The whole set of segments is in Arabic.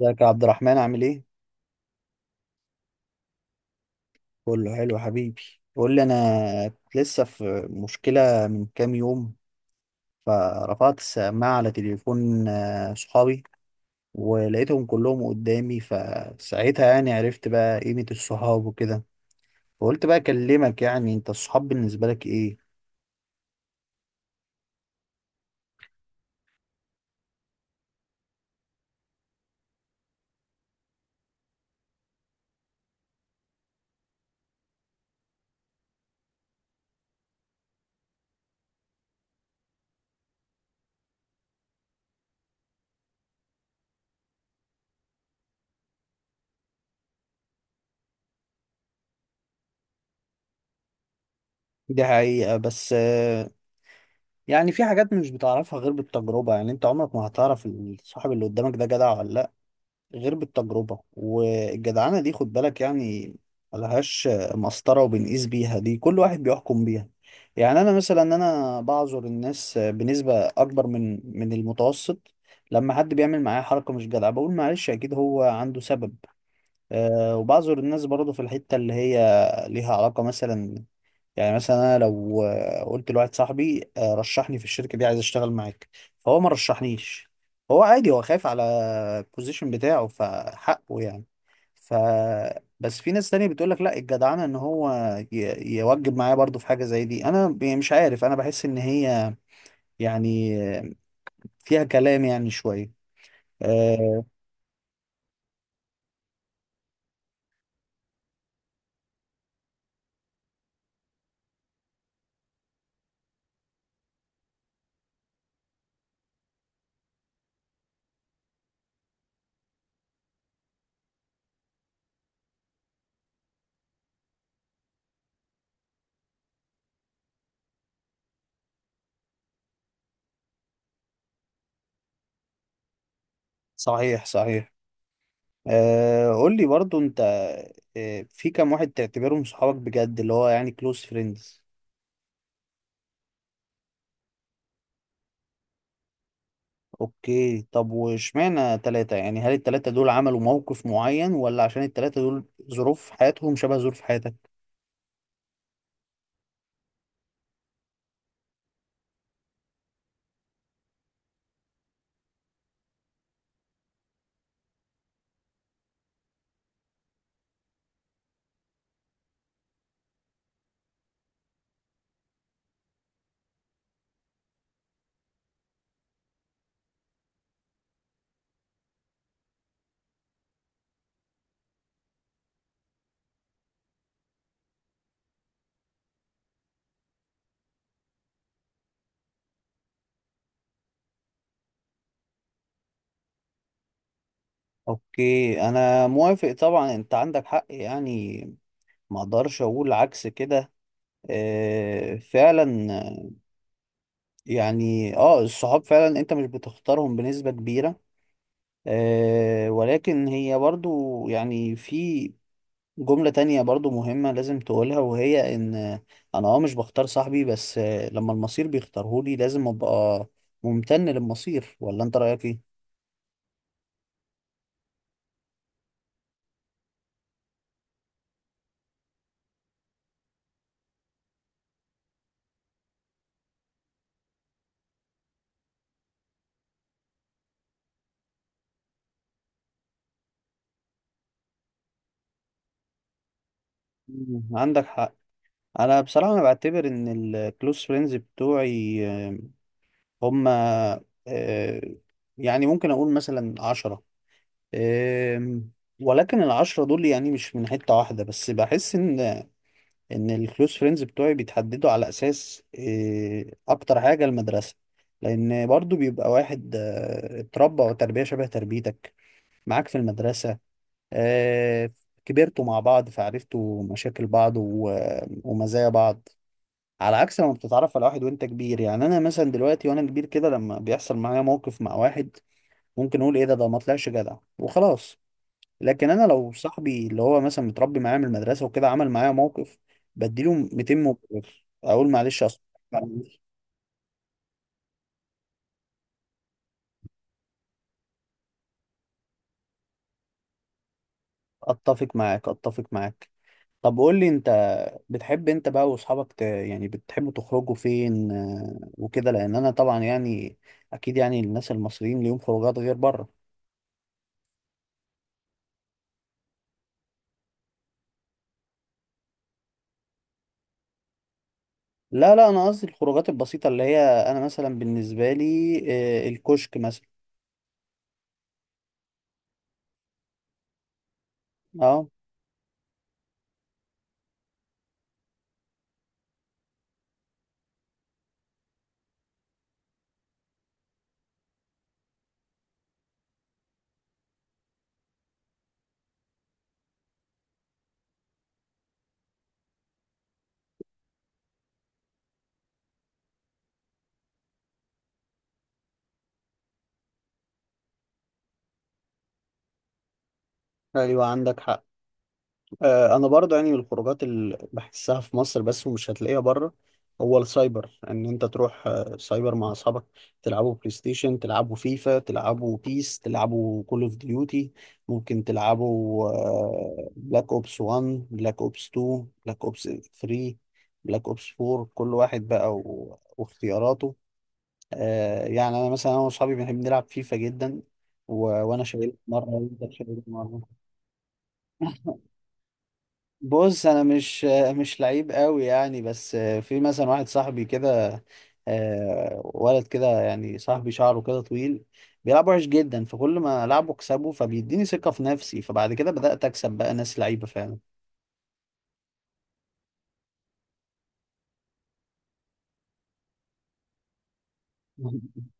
ازيك يا عبد الرحمن عامل ايه؟ كله حلو حبيبي. قول لي انا كنت لسه في مشكلة من كام يوم، فرفعت السماعة على تليفون صحابي ولقيتهم كلهم قدامي، فساعتها يعني عرفت بقى قيمة الصحاب وكده. فقلت بقى اكلمك، يعني انت الصحاب بالنسبة لك ايه؟ دي حقيقة، بس يعني في حاجات مش بتعرفها غير بالتجربة، يعني انت عمرك ما هتعرف الصاحب اللي قدامك ده جدع ولا، غير بالتجربة. والجدعنة دي خد بالك يعني، ملهاش مسطرة وبنقيس بيها، دي كل واحد بيحكم بيها. يعني أنا مثلا أنا بعذر الناس بنسبة أكبر من المتوسط، لما حد بيعمل معايا حركة مش جدعة بقول معلش أكيد هو عنده سبب. أه، وبعذر الناس برضه في الحتة اللي هي ليها علاقة. مثلا يعني مثلا انا لو قلت لواحد صاحبي رشحني في الشركه دي عايز اشتغل معاك، فهو ما رشحنيش، هو عادي هو خايف على البوزيشن بتاعه فحقه يعني. ف بس في ناس تانية بتقول لك لا، الجدعنه ان هو يوجب معايا برضو في حاجه زي دي. انا يعني مش عارف، انا بحس ان هي يعني فيها كلام يعني شويه. آه، صحيح صحيح. قول لي برضو انت، في كام واحد تعتبرهم صحابك بجد اللي هو يعني كلوز فريندز؟ اوكي، طب واشمعنى ثلاثة يعني؟ هل الثلاثة دول عملوا موقف معين، ولا عشان الثلاثة دول ظروف حياتهم شبه ظروف حياتك؟ اوكي، انا موافق طبعا، انت عندك حق يعني، ما اقدرش اقول عكس كده. آه فعلا. يعني اه الصحاب فعلا انت مش بتختارهم بنسبة كبيرة. آه، ولكن هي برضو يعني في جملة تانية برضو مهمة لازم تقولها، وهي إن أنا أه مش بختار صاحبي، بس لما المصير بيختارهولي لازم أبقى ممتن للمصير. ولا أنت رأيك إيه؟ مم، عندك حق. أنا بصراحة أنا بعتبر إن الكلوز فريندز بتوعي هم يعني ممكن أقول مثلا عشرة. آم، ولكن العشرة دول يعني مش من حتة واحدة بس، بحس إن الكلوز فريندز بتوعي بيتحددوا على اساس إيه، اكتر حاجه المدرسه. لان برضو بيبقى واحد اتربى وتربيه شبه تربيتك معاك في المدرسه. آه، كبرتوا مع بعض فعرفتوا مشاكل بعض ومزايا بعض. على عكس لما بتتعرف على واحد وانت كبير، يعني انا مثلا دلوقتي وانا كبير كده، لما بيحصل معايا موقف مع واحد ممكن اقول ايه ده، ما طلعش جدع وخلاص. لكن انا لو صاحبي اللي هو مثلا متربي معايا من المدرسه وكده عمل معايا موقف، بديله 200 مبرر اقول معلش اصلا. اتفق معاك اتفق معاك. طب قول لي انت، بتحب انت بقى واصحابك يعني بتحبوا تخرجوا فين وكده؟ لان انا طبعا يعني اكيد يعني الناس المصريين ليهم خروجات غير بره. لا لا، انا قصدي الخروجات البسيطه اللي هي انا مثلا بالنسبه لي الكشك مثلا. اه. ايوه عندك حق. انا برضه يعني من الخروجات اللي بحسها في مصر بس ومش هتلاقيها بره، هو السايبر، ان انت تروح سايبر مع اصحابك تلعبوا بلاي ستيشن، تلعبوا فيفا، تلعبوا بيس، تلعبوا كول اوف ديوتي. ممكن تلعبوا بلاك اوبس 1، بلاك اوبس 2، بلاك اوبس 3، بلاك اوبس 4، كل واحد بقى واختياراته. يعني انا مثلا انا واصحابي بنحب نلعب فيفا جدا. وانا شايل مره وانت شايل مره. بص انا مش لعيب قوي يعني، بس في مثلا واحد صاحبي كده، ولد كده يعني صاحبي شعره كده طويل، بيلعب وحش جدا، فكل ما العبه اكسبه فبيديني ثقة في نفسي، فبعد كده بدأت اكسب بقى ناس لعيبة فعلا.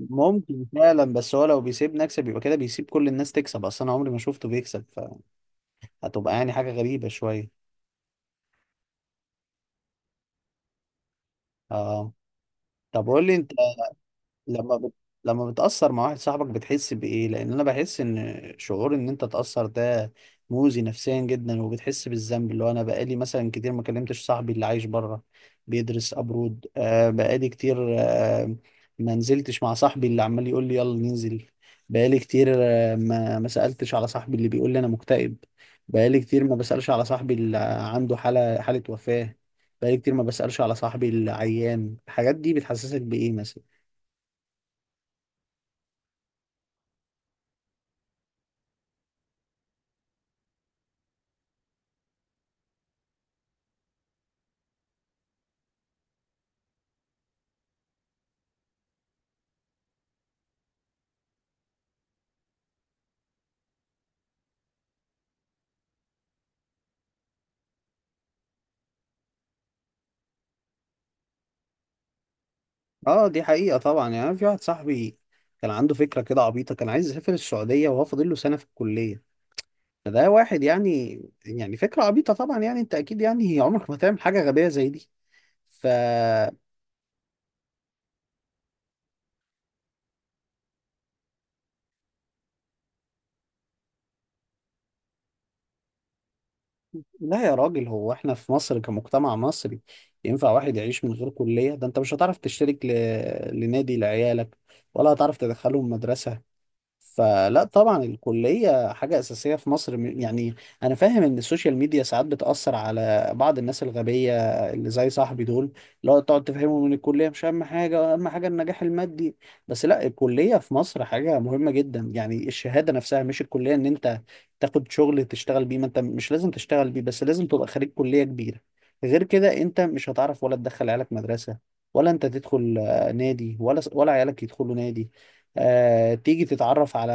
ممكن فعلا، بس هو لو بيسيبني اكسب يبقى كده بيسيب كل الناس تكسب، اصلا انا عمري ما شفته بيكسب، فهتبقى يعني حاجة غريبة شوية. اه. طب قول لي انت، لما بت... لما بتأثر مع واحد صاحبك بتحس بإيه؟ لأن أنا بحس إن شعور إن أنت تأثر ده مؤذي نفسيا جدا، وبتحس بالذنب. اللي هو أنا بقالي مثلا كتير ما كلمتش صاحبي اللي عايش بره بيدرس أبرود. آه، بقالي كتير آه ما نزلتش مع صاحبي اللي عمال يقول لي يلا ننزل. بقالي كتير آه ما سألتش على صاحبي اللي بيقول لي أنا مكتئب. بقالي كتير ما بسألش على صاحبي اللي عنده حالة وفاة. بقالي كتير ما بسألش على صاحبي اللي عيان. الحاجات دي بتحسسك بإيه مثلا؟ اه دي حقيقة طبعا. يعني أنا في واحد صاحبي كان عنده فكرة كده عبيطة، كان عايز يسافر السعودية وهو فاضل له سنة في الكلية. فده واحد يعني، يعني فكرة عبيطة طبعا، يعني انت اكيد يعني عمرك ما تعمل حاجة غبية زي دي. ف لا يا راجل، هو احنا في مصر كمجتمع مصري ينفع واحد يعيش من غير كلية؟ ده انت مش هتعرف تشترك لنادي لعيالك، ولا هتعرف تدخلهم مدرسة. فلا طبعا الكلية حاجة أساسية في مصر، يعني أنا فاهم إن السوشيال ميديا ساعات بتأثر على بعض الناس الغبية اللي زي صاحبي دول، اللي هو تقعد تفهمهم إن الكلية مش أهم حاجة، أهم حاجة النجاح المادي. بس لا، الكلية في مصر حاجة مهمة جدا، يعني الشهادة نفسها مش الكلية، إن أنت تاخد شغل تشتغل بيه، ما أنت مش لازم تشتغل بيه، بس لازم تبقى خريج كلية كبيرة. غير كده أنت مش هتعرف ولا تدخل عيالك مدرسة، ولا أنت تدخل نادي، ولا عيالك يدخلوا نادي. تيجي تتعرف على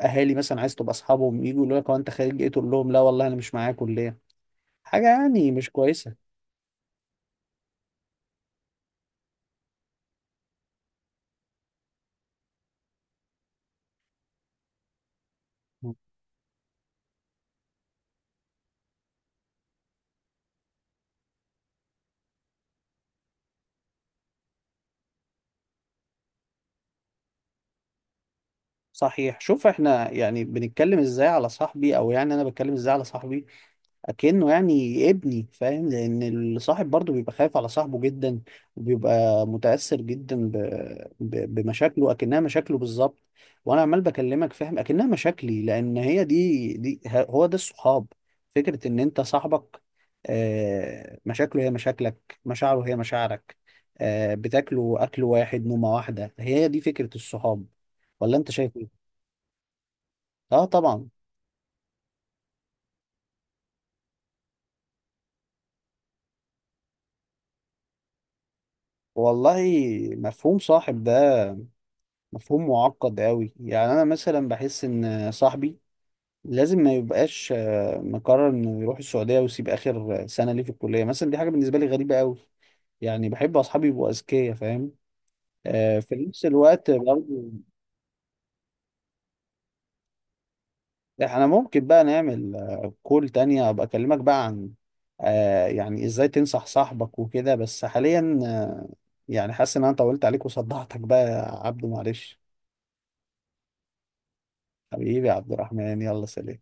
اهالي مثلا عايز تبقى اصحابهم، يجوا يقولوا لك هو انت خارج ايه، تقول لهم لا والله انا مش معايا كليه، حاجه يعني مش كويسه. صحيح. شوف احنا يعني بنتكلم ازاي على صاحبي، او يعني انا بتكلم ازاي على صاحبي اكنه يعني ابني، فاهم؟ لان الصاحب برضه بيبقى خايف على صاحبه جدا، وبيبقى متاثر جدا بمشاكله اكنها مشاكله بالظبط. وانا عمال بكلمك فاهم اكنها مشاكلي، لان هي دي هو ده الصحاب، فكره ان انت صاحبك مشاكله هي مشاكلك، مشاعره هي مشاعرك، بتاكلوا اكل واحد نومه واحده. هي دي فكره الصحاب، ولا انت شايف ايه؟ اه طبعا. والله مفهوم صاحب ده مفهوم معقد قوي، يعني انا مثلا بحس ان صاحبي لازم ما يبقاش مقرر انه يروح السعوديه ويسيب اخر سنه ليه في الكليه مثلا، دي حاجه بالنسبه لي غريبه قوي. يعني بحب اصحابي يبقوا اذكياء، فاهم؟ في نفس الوقت برضه احنا ممكن بقى نعمل كول تانية ابقى اكلمك بقى عن يعني ازاي تنصح صاحبك وكده، بس حاليا يعني حاسس ان انا طولت عليك وصدعتك بقى يا عبدو معلش. حبيبي يا عبد الرحمن، يلا سلام.